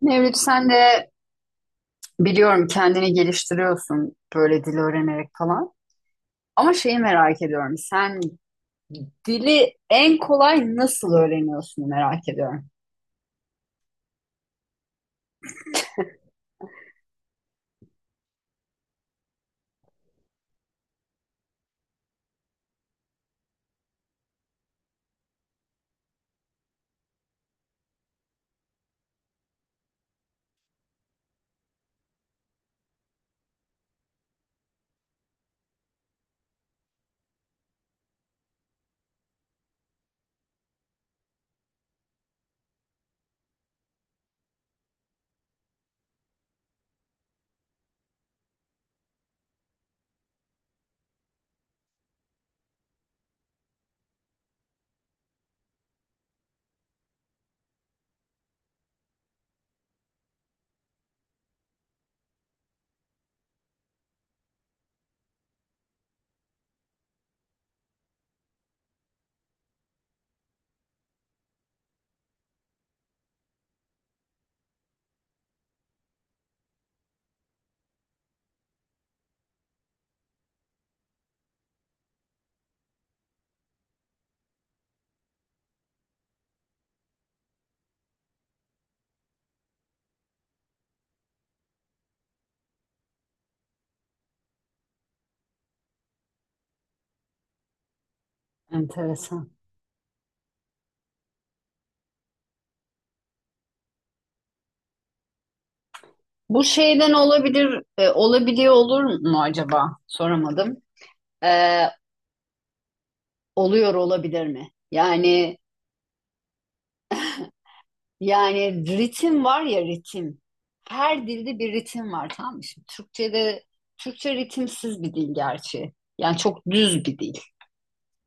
Mevlüt, sen de biliyorum kendini geliştiriyorsun böyle dil öğrenerek falan. Ama şeyi merak ediyorum. Sen dili en kolay nasıl öğreniyorsun merak ediyorum. Enteresan. Bu şeyden olabilir, olabiliyor olur mu acaba? Soramadım. E, oluyor olabilir mi? Yani ritim var ya, ritim. Her dilde bir ritim var, tamam mı? Şimdi Türkçe ritimsiz bir dil gerçi. Yani çok düz bir dil.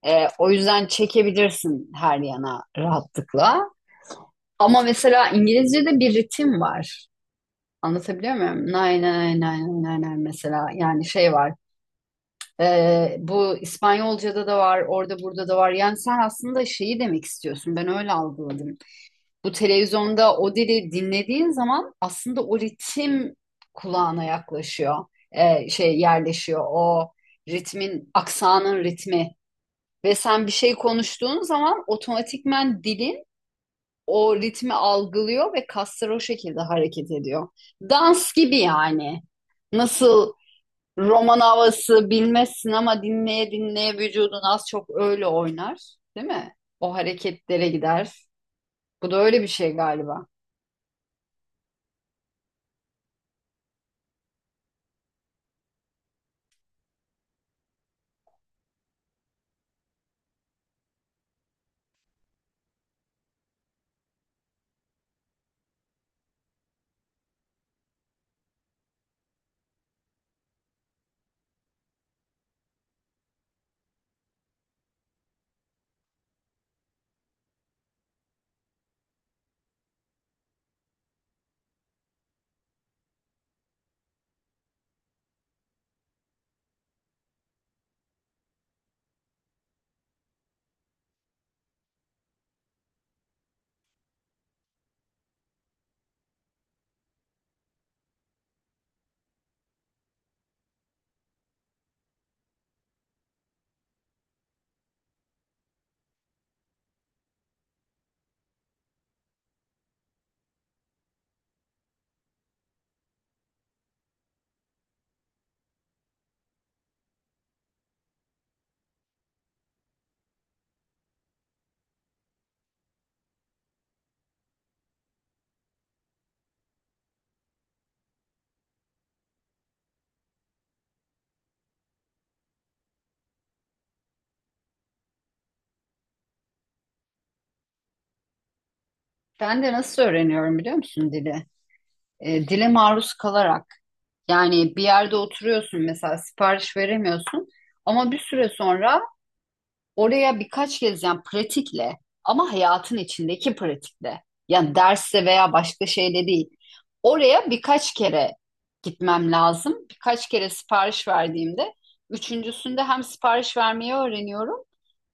O yüzden çekebilirsin her yana rahatlıkla. Ama mesela İngilizce'de bir ritim var. Anlatabiliyor muyum? Nay nay nay nay nay mesela, yani şey var. Bu İspanyolca'da da var, orada burada da var. Yani sen aslında şeyi demek istiyorsun. Ben öyle algıladım. Bu televizyonda o dili dinlediğin zaman aslında o ritim kulağına yaklaşıyor. Şey yerleşiyor. O ritmin, aksanın ritmi. Ve sen bir şey konuştuğun zaman otomatikmen dilin o ritmi algılıyor ve kaslar o şekilde hareket ediyor. Dans gibi yani. Nasıl roman havası bilmezsin ama dinleye dinleye vücudun az çok öyle oynar, değil mi? O hareketlere gider. Bu da öyle bir şey galiba. Ben de nasıl öğreniyorum biliyor musun dili? Dile maruz kalarak. Yani bir yerde oturuyorsun mesela, sipariş veremiyorsun ama bir süre sonra oraya birkaç kez, yani pratikle, ama hayatın içindeki pratikle, yani derste veya başka şeyle değil. Oraya birkaç kere gitmem lazım. Birkaç kere sipariş verdiğimde üçüncüsünde hem sipariş vermeyi öğreniyorum,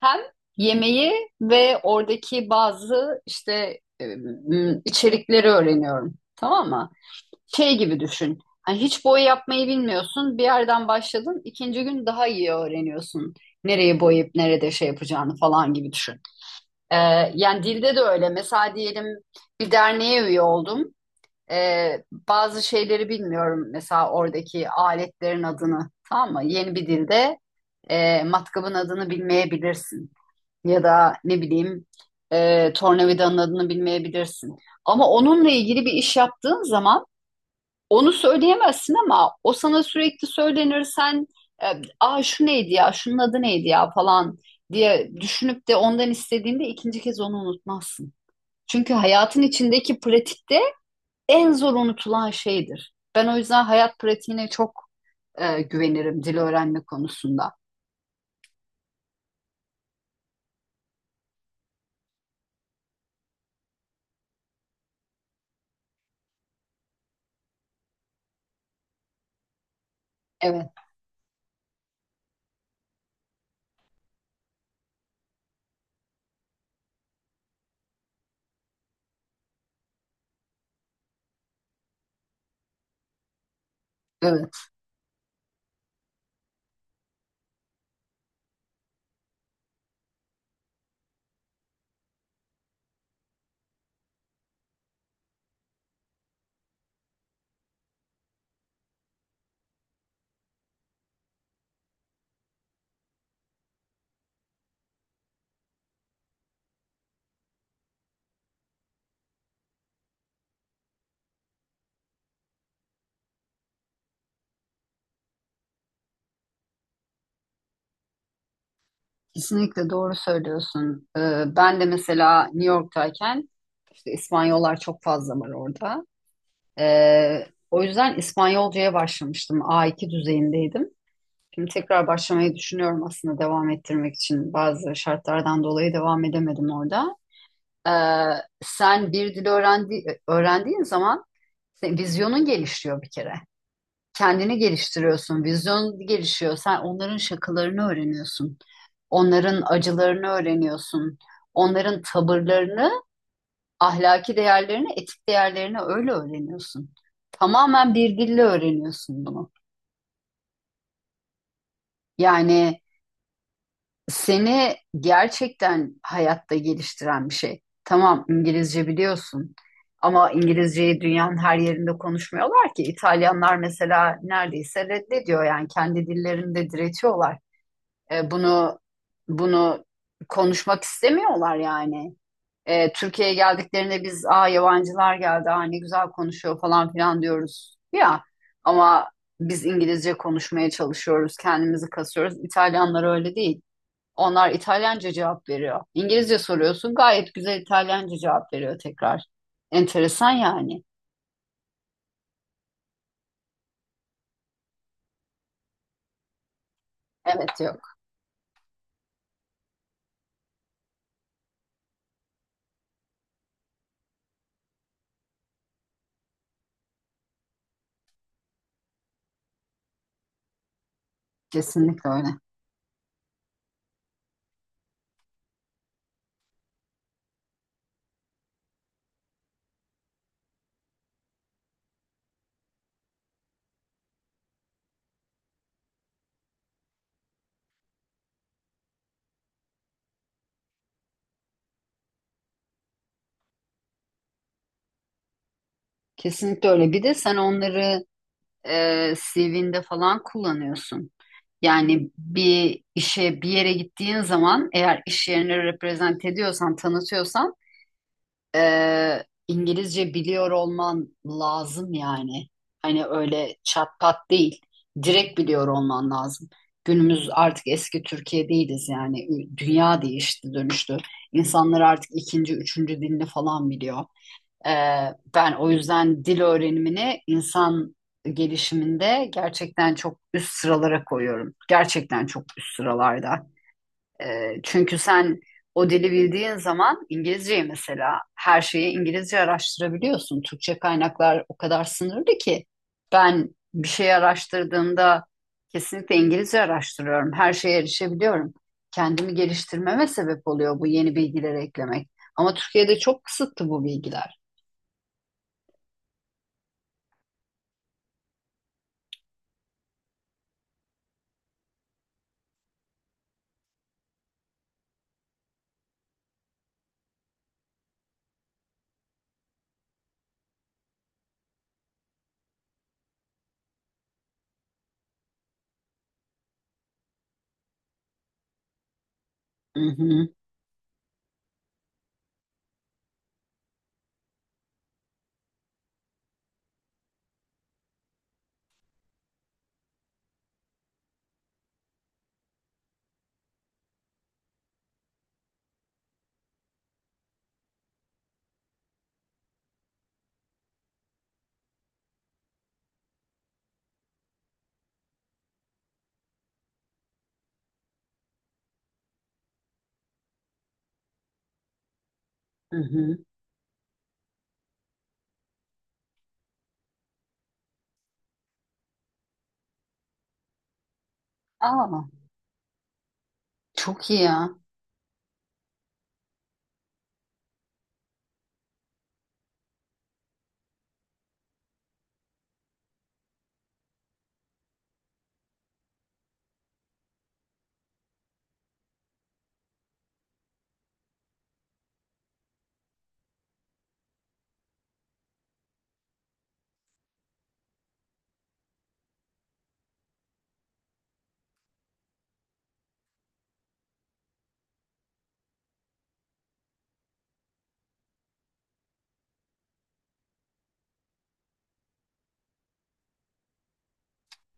hem yemeği ve oradaki bazı işte e, içerikleri öğreniyorum. Tamam mı? Şey gibi düşün. Hani hiç boya yapmayı bilmiyorsun. Bir yerden başladın. İkinci gün daha iyi öğreniyorsun. Nereye boyayıp nerede şey yapacağını falan gibi düşün. Ee, Yani dilde de öyle. Mesela diyelim bir derneğe üye oldum. Ee, Bazı şeyleri bilmiyorum. Mesela oradaki aletlerin adını. Tamam mı? Yeni bir dilde matkabın adını bilmeyebilirsin. Ya da ne bileyim, tornavidanın adını bilmeyebilirsin. Ama onunla ilgili bir iş yaptığın zaman onu söyleyemezsin ama o sana sürekli söylenir, sen e, aa şu neydi ya, şunun adı neydi ya falan diye düşünüp de ondan istediğinde ikinci kez onu unutmazsın. Çünkü hayatın içindeki pratikte en zor unutulan şeydir. Ben o yüzden hayat pratiğine çok güvenirim dil öğrenme konusunda. Evet, evet. Kesinlikle doğru söylüyorsun. Ben de mesela New York'tayken İşte İspanyollar çok fazla var orada. O yüzden İspanyolcaya başlamıştım. A2 düzeyindeydim. Şimdi tekrar başlamayı düşünüyorum aslında, devam ettirmek için. Bazı şartlardan dolayı devam edemedim orada. Sen bir dil öğrendiğin zaman senin vizyonun gelişiyor bir kere. Kendini geliştiriyorsun, vizyon gelişiyor. Sen onların şakalarını öğreniyorsun. Onların acılarını öğreniyorsun. Onların tavırlarını, ahlaki değerlerini, etik değerlerini öyle öğreniyorsun. Tamamen bir dille öğreniyorsun bunu. Yani seni gerçekten hayatta geliştiren bir şey. Tamam, İngilizce biliyorsun ama İngilizceyi dünyanın her yerinde konuşmuyorlar ki. İtalyanlar mesela neredeyse reddediyor, yani kendi dillerinde diretiyorlar. E, bunu bunu konuşmak istemiyorlar yani. Türkiye'ye geldiklerinde biz aa yabancılar geldi, aa ne güzel konuşuyor falan filan diyoruz ya, ama biz İngilizce konuşmaya çalışıyoruz, kendimizi kasıyoruz. İtalyanlar öyle değil, onlar İtalyanca cevap veriyor, İngilizce soruyorsun gayet güzel İtalyanca cevap veriyor tekrar. Enteresan yani. Evet, yok, kesinlikle öyle. Kesinlikle öyle, bir de sen onları CV'nde falan kullanıyorsun. Yani bir işe bir yere gittiğin zaman, eğer iş yerini reprezent ediyorsan, tanıtıyorsan, İngilizce biliyor olman lazım yani. Hani öyle çat pat değil. Direkt biliyor olman lazım. Günümüz artık eski Türkiye değiliz yani. Ü- dünya değişti, dönüştü. İnsanlar artık ikinci, üçüncü dilini falan biliyor. Ee, Ben o yüzden dil öğrenimini insan gelişiminde gerçekten çok üst sıralara koyuyorum. Gerçekten çok üst sıralarda. Çünkü sen o dili bildiğin zaman, İngilizceyi mesela, her şeyi İngilizce araştırabiliyorsun. Türkçe kaynaklar o kadar sınırlı ki ben bir şey araştırdığımda kesinlikle İngilizce araştırıyorum. Her şeye erişebiliyorum. Kendimi geliştirmeme sebep oluyor bu, yeni bilgileri eklemek. Ama Türkiye'de çok kısıtlı bu bilgiler. Hı hı, hı hı. Aa, çok iyi ya.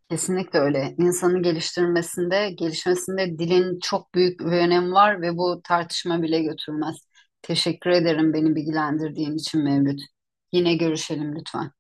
Kesinlikle öyle. İnsanı geliştirmesinde, gelişmesinde dilin çok büyük bir önemi var ve bu tartışma bile götürmez. Teşekkür ederim beni bilgilendirdiğin için Mevlüt. Yine görüşelim lütfen.